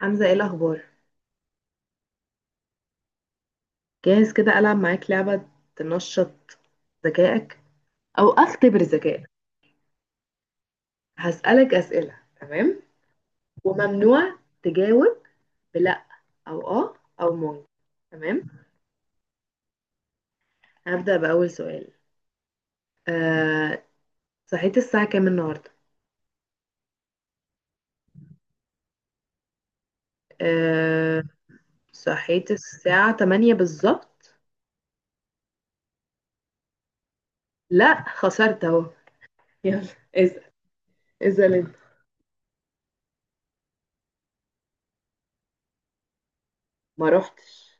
حمزة، ايه الأخبار؟ جاهز كده ألعب معاك لعبة تنشط ذكائك أو أختبر ذكائك. هسألك أسئلة، تمام؟ وممنوع تجاوب بلأ أو آه أو ممكن. تمام؟ هبدأ بأول سؤال. آه، صحيت الساعة كام النهاردة؟ آه، صحيت الساعة 8 بالظبط؟ لأ، خسرت أهو. يلا اسأل. اسأل أنت. ما روحتش.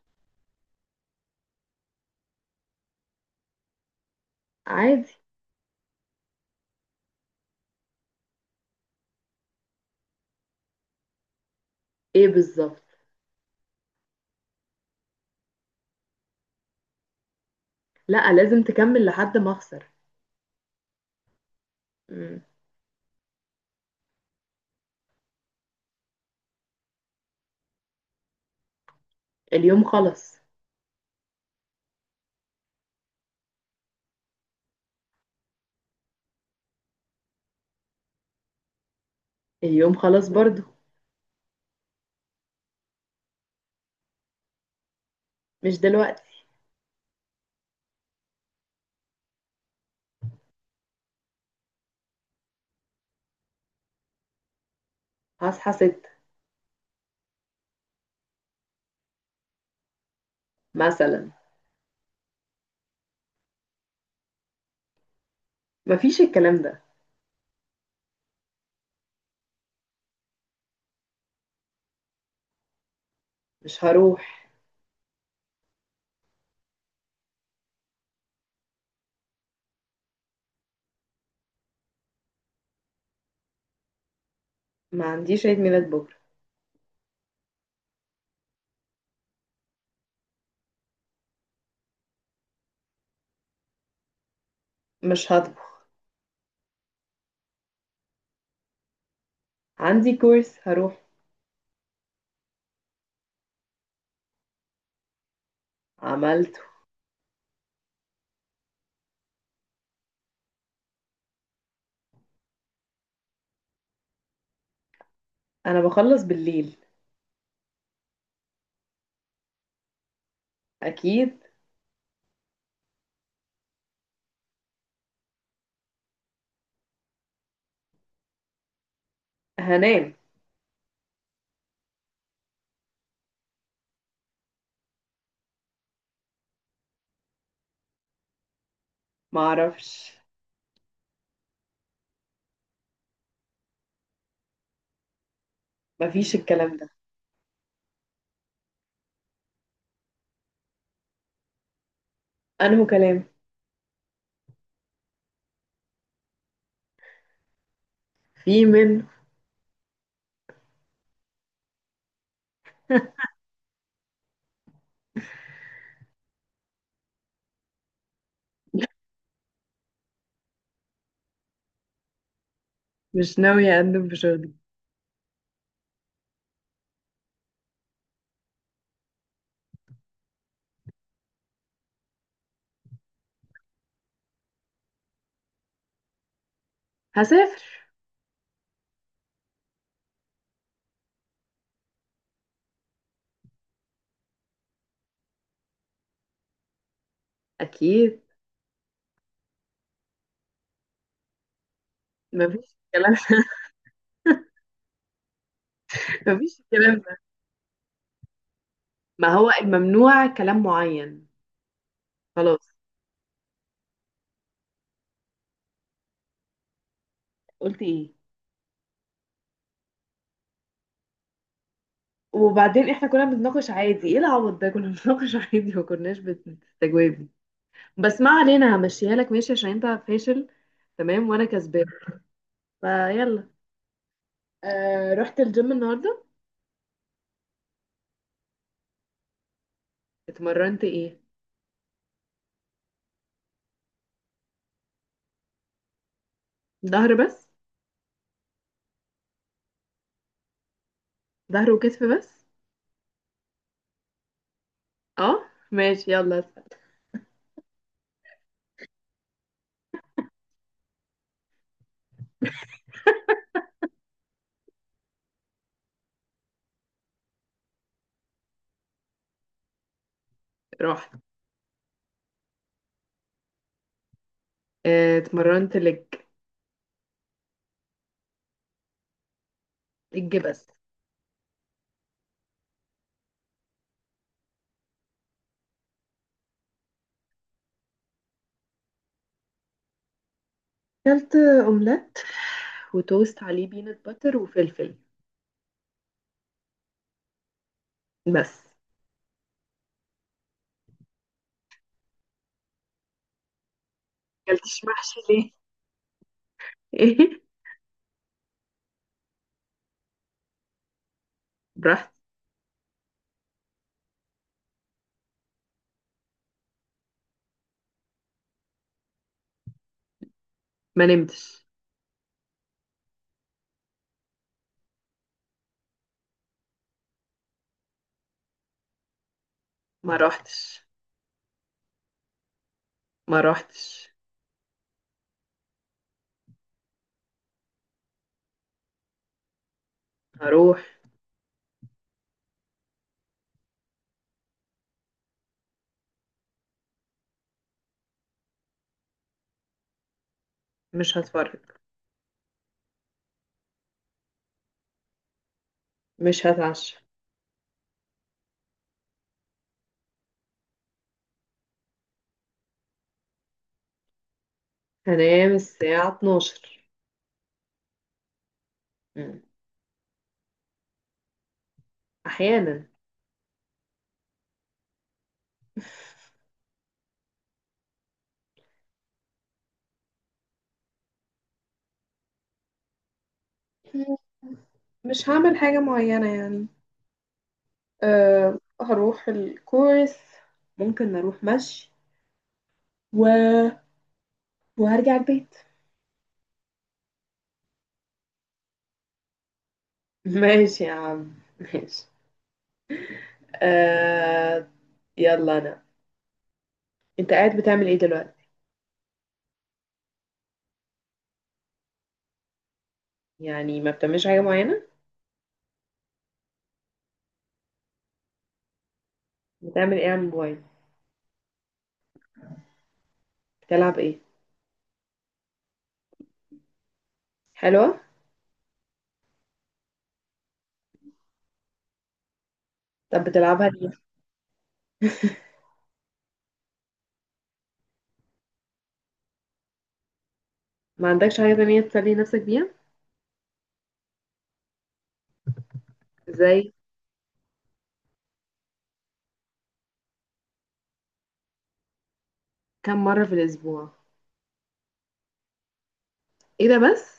عادي. ايه بالظبط؟ لأ، لازم تكمل لحد ما أخسر. مم. اليوم خلص. اليوم خلاص برضو. مش دلوقتي. هصحى ستة مثلا. مفيش الكلام ده. مش هروح. ما عنديش عيد ميلاد بكرة. مش هطبخ. عندي كورس هروح. عملته. انا بخلص بالليل. اكيد. هنام. معرفش. مفيش الكلام ده. انه كلام. في منه. مش ناوية اقدم في شغلي. هسافر. اكيد. مفيش الكلام. مفيش الكلام ده. ما هو الممنوع كلام معين. خلاص. قلت ايه؟ وبعدين احنا كنا بنتناقش عادي، ايه العبط ده؟ كنا بنتناقش عادي، ما كناش بتستجوابي. بس ما علينا، همشيها لك ماشي عشان انت فاشل. تمام وانا كسبان. فيلا. آه رحت الجيم النهارده. اتمرنت ايه؟ ظهر بس؟ ظهر وكتف بس؟ اه ماشي، يلا اسأل. رحت. آه اتمرنت لج. لج بس. اكلت اومليت وتوست عليه بينات باتر وفلفل. بس. مكلتش محشي ليه؟ ايه. رحت. ما نمتش. ما روحتش. ما روحتش. هروح. مش هتفرج. مش هتعشى. هنام الساعة 12. مم. أحيانا. مش هعمل حاجة معينة يعني. أه هروح الكورس. ممكن اروح مشي و... وهرجع البيت. ماشي يا عم. ماشي. آه. يلا أنا. أنت قاعد بتعمل إيه دلوقتي؟ يعني ما بتعملش حاجة معينة؟ بتعمل إيه على الموبايل؟ بتلعب إيه؟ حلوة؟ طب بتلعبها ليه؟ ما عندكش حاجة تانية تسلي نفسك بيها؟ زي؟ كم مرة في الأسبوع؟ ايه ده بس.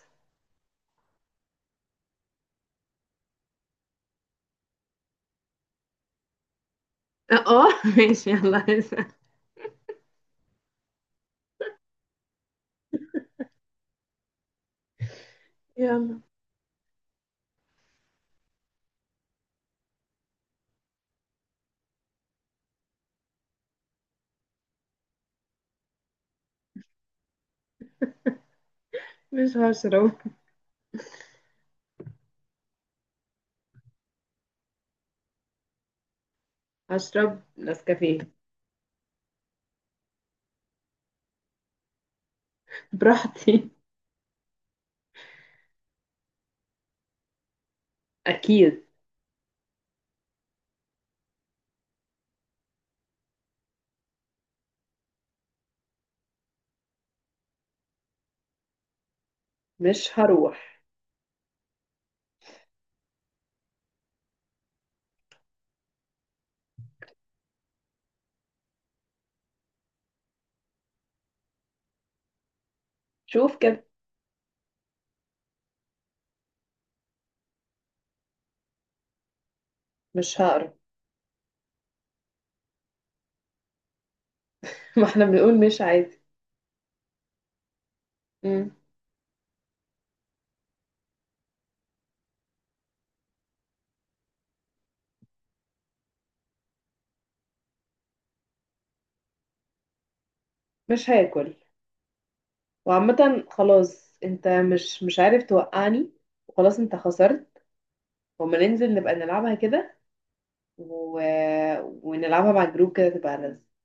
اه ماشي، يلا هسأل. يلا. مش هشرب. هشرب نسكافيه. براحتي. اكيد. مش هروح. شوف كده. مش هقرا. ما احنا بنقول مش عادي. مم. مش هاكل. وعامة خلاص، انت مش عارف توقعني. وخلاص انت خسرت. وما ننزل نبقى نلعبها كده و... ونلعبها مع الجروب كده، تبقى لذيذ.